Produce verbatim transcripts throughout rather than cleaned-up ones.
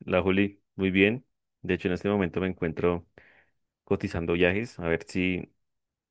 La Juli, muy bien. De hecho, en este momento me encuentro cotizando viajes, a ver si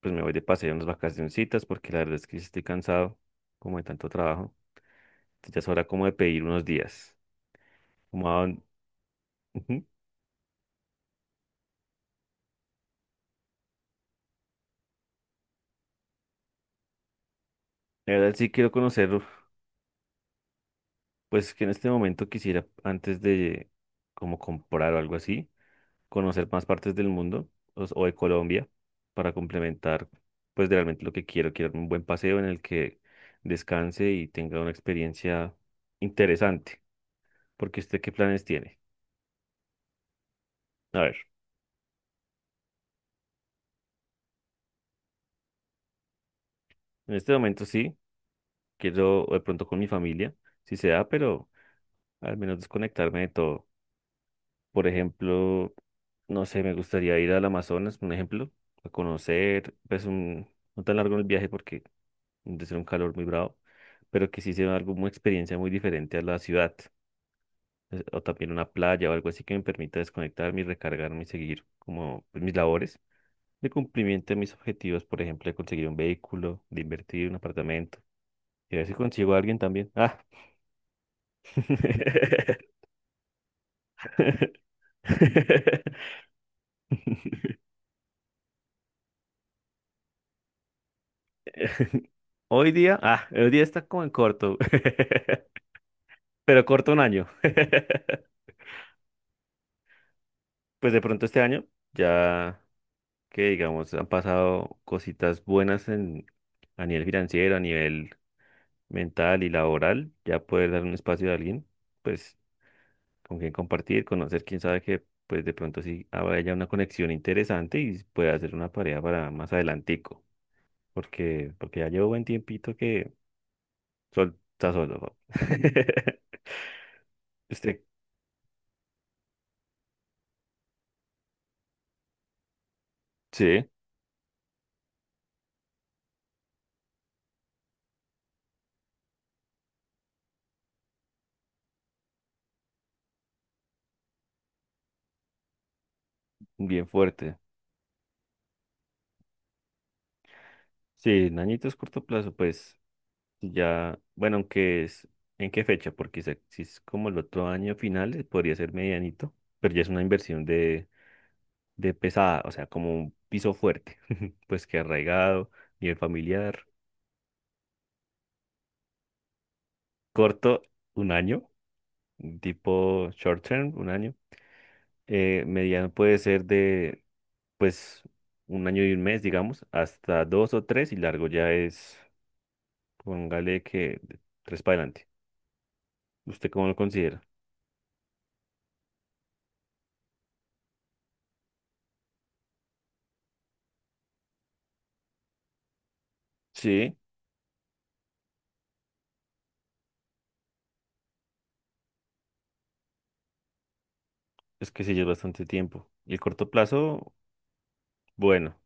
pues me voy de paseo unas vacacioncitas, porque la verdad es que sí estoy cansado como de tanto trabajo. Entonces, Ya es hora como de pedir unos días. Como a dónde- Ujú. La verdad sí quiero conocer, pues que en este momento quisiera antes de como comprar o algo así, conocer más partes del mundo o, o de Colombia para complementar, pues de realmente lo que quiero. Quiero un buen paseo en el que descanse y tenga una experiencia interesante. Porque usted, ¿qué planes tiene? A ver, en este momento sí, quiero de pronto con mi familia, si se da, pero al menos desconectarme de todo. Por ejemplo, no sé, me gustaría ir al Amazonas, un ejemplo, a conocer, pues un, no tan largo el viaje porque de ser un calor muy bravo, pero que sí sea algo, una experiencia muy diferente a la ciudad, eh, o también una playa o algo así que me permita desconectarme y recargarme y seguir como pues, mis labores de cumplimiento de mis objetivos, por ejemplo, de conseguir un vehículo, de invertir en un apartamento, y a ver si consigo a alguien también. Ah. Hoy día, ah, hoy día está como en corto, pero corto un año. Pues de pronto este año ya. que digamos han pasado cositas buenas en, a nivel financiero, a nivel mental y laboral, ya poder dar un espacio a alguien, pues con quien compartir, conocer, quién sabe que pues de pronto sí habrá ya una conexión interesante y pueda hacer una pareja para más adelantico, porque, porque ya llevo buen tiempito que sol, está solo, ¿no? Este, sí, bien fuerte. Sí, en añitos corto plazo, pues. Ya, bueno, aunque es, ¿en qué fecha? Porque se- si es como el otro año finales, podría ser medianito, pero ya es una inversión de, de pesada, o sea, como un piso fuerte, pues que arraigado, nivel familiar, corto, un año, tipo short term, un año, eh, mediano puede ser de, pues, un año y un mes, digamos, hasta dos o tres, y largo ya es, póngale que de tres para adelante. ¿Usted cómo lo considera? Sí, Es que sí, ya es bastante tiempo. Y el corto plazo, bueno,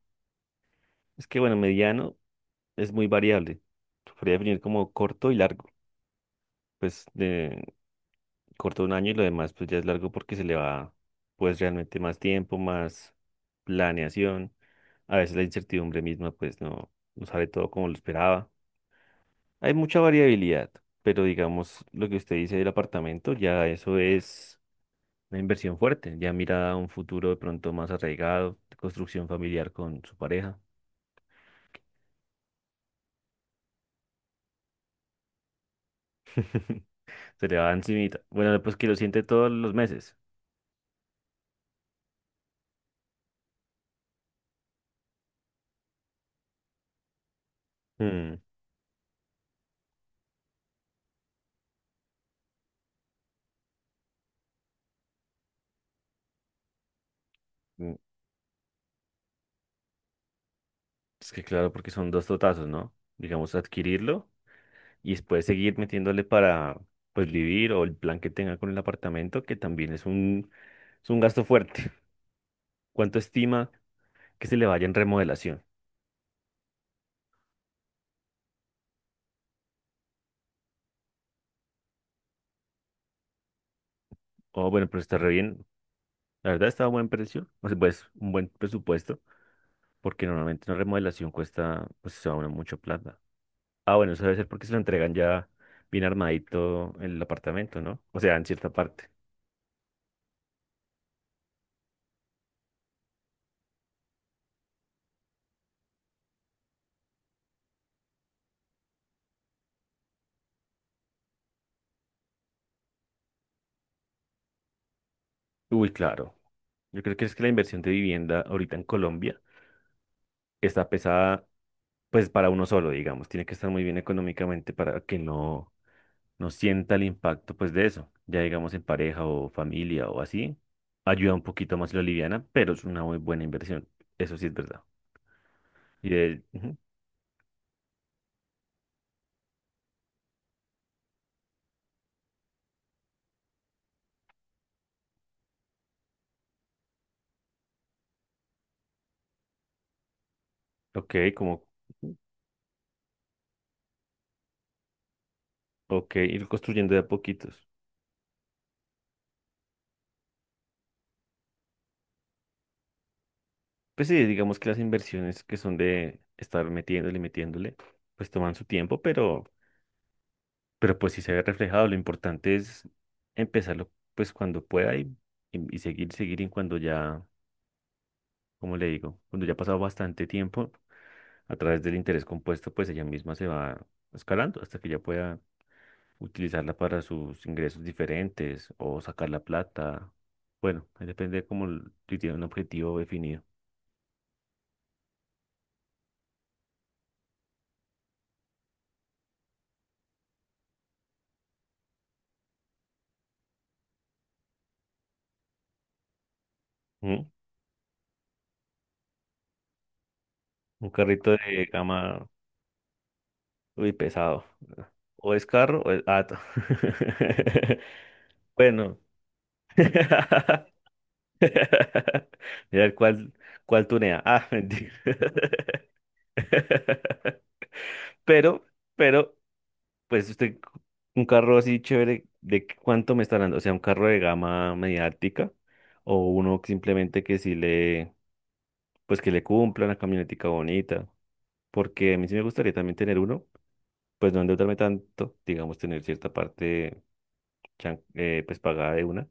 es que bueno, mediano es muy variable. Se podría definir como corto y largo. Pues de corto un año y lo demás pues ya es largo porque se le va pues realmente más tiempo, más planeación. A veces la incertidumbre misma pues no, no sale todo como lo esperaba. Hay mucha variabilidad, pero digamos lo que usted dice del apartamento, ya eso es una inversión fuerte. Ya mira a un futuro de pronto más arraigado, de construcción familiar con su pareja. Se le va encimita. Bueno, pues que lo siente todos los meses. Mm, mm, Es que claro, porque son dos totazos, ¿no? Digamos, adquirirlo y después seguir metiéndole para, pues, vivir o el plan que tenga con el apartamento, que también es un, es un gasto fuerte. ¿Cuánto estima que se le vaya en remodelación? Oh, bueno, pero está re bien. La verdad está a buen precio, o sea, pues, un buen presupuesto, porque normalmente una remodelación cuesta, pues, se va mucho plata. Ah, bueno, eso debe ser porque se lo entregan ya bien armadito en el apartamento, ¿no? O sea, en cierta parte. Uy, claro. Yo creo que es que la inversión de vivienda ahorita en Colombia está pesada, pues para uno solo, digamos. Tiene que estar muy bien económicamente para que no, no sienta el impacto, pues de eso. Ya digamos en pareja o familia o así, ayuda un poquito más la liviana, pero es una muy buena inversión. Eso sí es verdad. Y de, ujú, ok, como, ok, ir construyendo de a poquitos. Pues sí, digamos que las inversiones que son de estar metiéndole metiéndole, pues toman su tiempo, pero, pero pues sí se ve reflejado. Lo importante es empezarlo pues cuando pueda y, y, y seguir, seguir y cuando ya, como le digo, cuando ya ha pasado bastante tiempo, a través del interés compuesto, pues ella misma se va escalando hasta que ya pueda utilizarla para sus ingresos diferentes o sacar la plata. Bueno, ahí depende como si tiene un objetivo definido. ¿Mm? Un carrito de gama. Uy, pesado. O es carro o es gato. Bueno. Mira cuál, cuál tunea. Ah, mentira. Pero, pero, pues usted, un carro así chévere, ¿de qué- ¿cuánto me está hablando? O sea, un carro de gama mediática o uno que simplemente que sí le, pues que le cumpla una camionetica bonita. Porque a mí sí me gustaría también tener uno, pues no endeudarme tanto, digamos, tener cierta parte chan- eh, pues pagada de una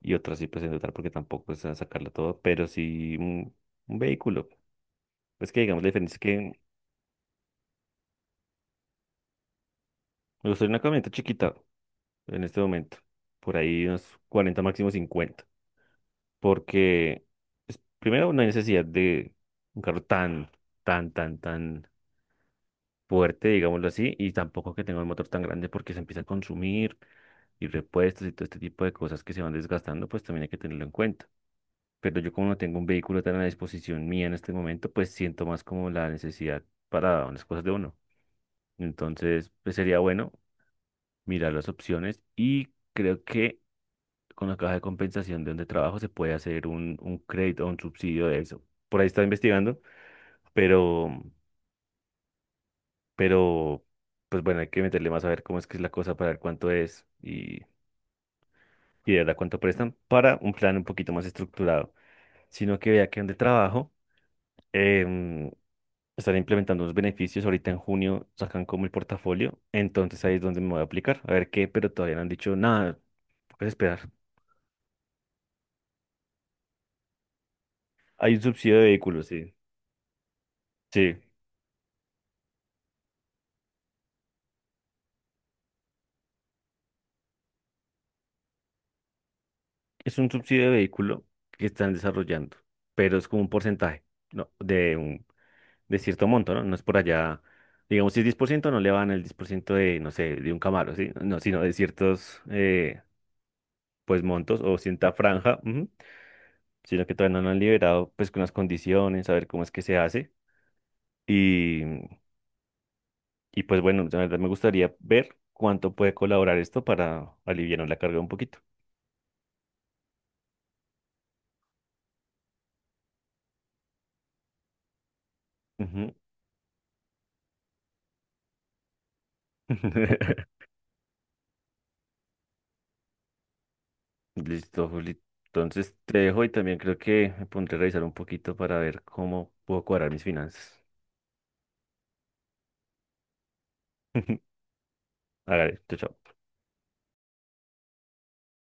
y otra sí pues en total porque tampoco es a sacarla todo, pero sí un, un vehículo. Es que digamos la diferencia es que mm, me gustaría una camioneta chiquita en este momento, por ahí unos cuarenta máximo cincuenta porque pues, primero no hay necesidad de un carro tan, tan, tan, tan fuerte, digámoslo así, y tampoco que tenga un motor tan grande porque se empieza a consumir y repuestos y todo este tipo de cosas que se van desgastando, pues también hay que tenerlo en cuenta. pero yo como no tengo un vehículo tan a disposición mía en este momento, pues siento más como la necesidad para unas cosas de uno. Entonces, pues sería bueno mirar las opciones y creo que con la caja de compensación de donde trabajo se puede hacer un, un crédito o un subsidio de eso. Por ahí estaba investigando, pero, pero, pues bueno, hay que meterle más a ver cómo es que es la cosa para ver cuánto es y, y de verdad cuánto prestan para un plan un poquito más estructurado, sino que vea que donde trabajo. em, Están implementando unos beneficios. Ahorita en junio sacan como el portafolio. Entonces ahí es donde me voy a aplicar. A ver qué, pero todavía no han dicho nada. Puedes esperar. Hay un subsidio de vehículos, sí. Sí. Es un subsidio de vehículo que están desarrollando, pero es como un porcentaje, ¿no? De un, de cierto monto, ¿no? No es por allá. Digamos, si es diez por ciento no le van el diez por ciento de, no sé, de un Camaro, ¿sí? No, sino de ciertos, eh, pues, montos o cierta franja. sino que todavía no lo han liberado, pues con las condiciones, a ver cómo es que se hace. Y, y pues bueno, la verdad me gustaría ver cuánto puede colaborar esto para aliviar la carga un poquito. Ujú. Listo, Juli. Entonces te dejo y también creo que me pondré a revisar un poquito para ver cómo puedo cuadrar mis finanzas. Hágale, chao, chao.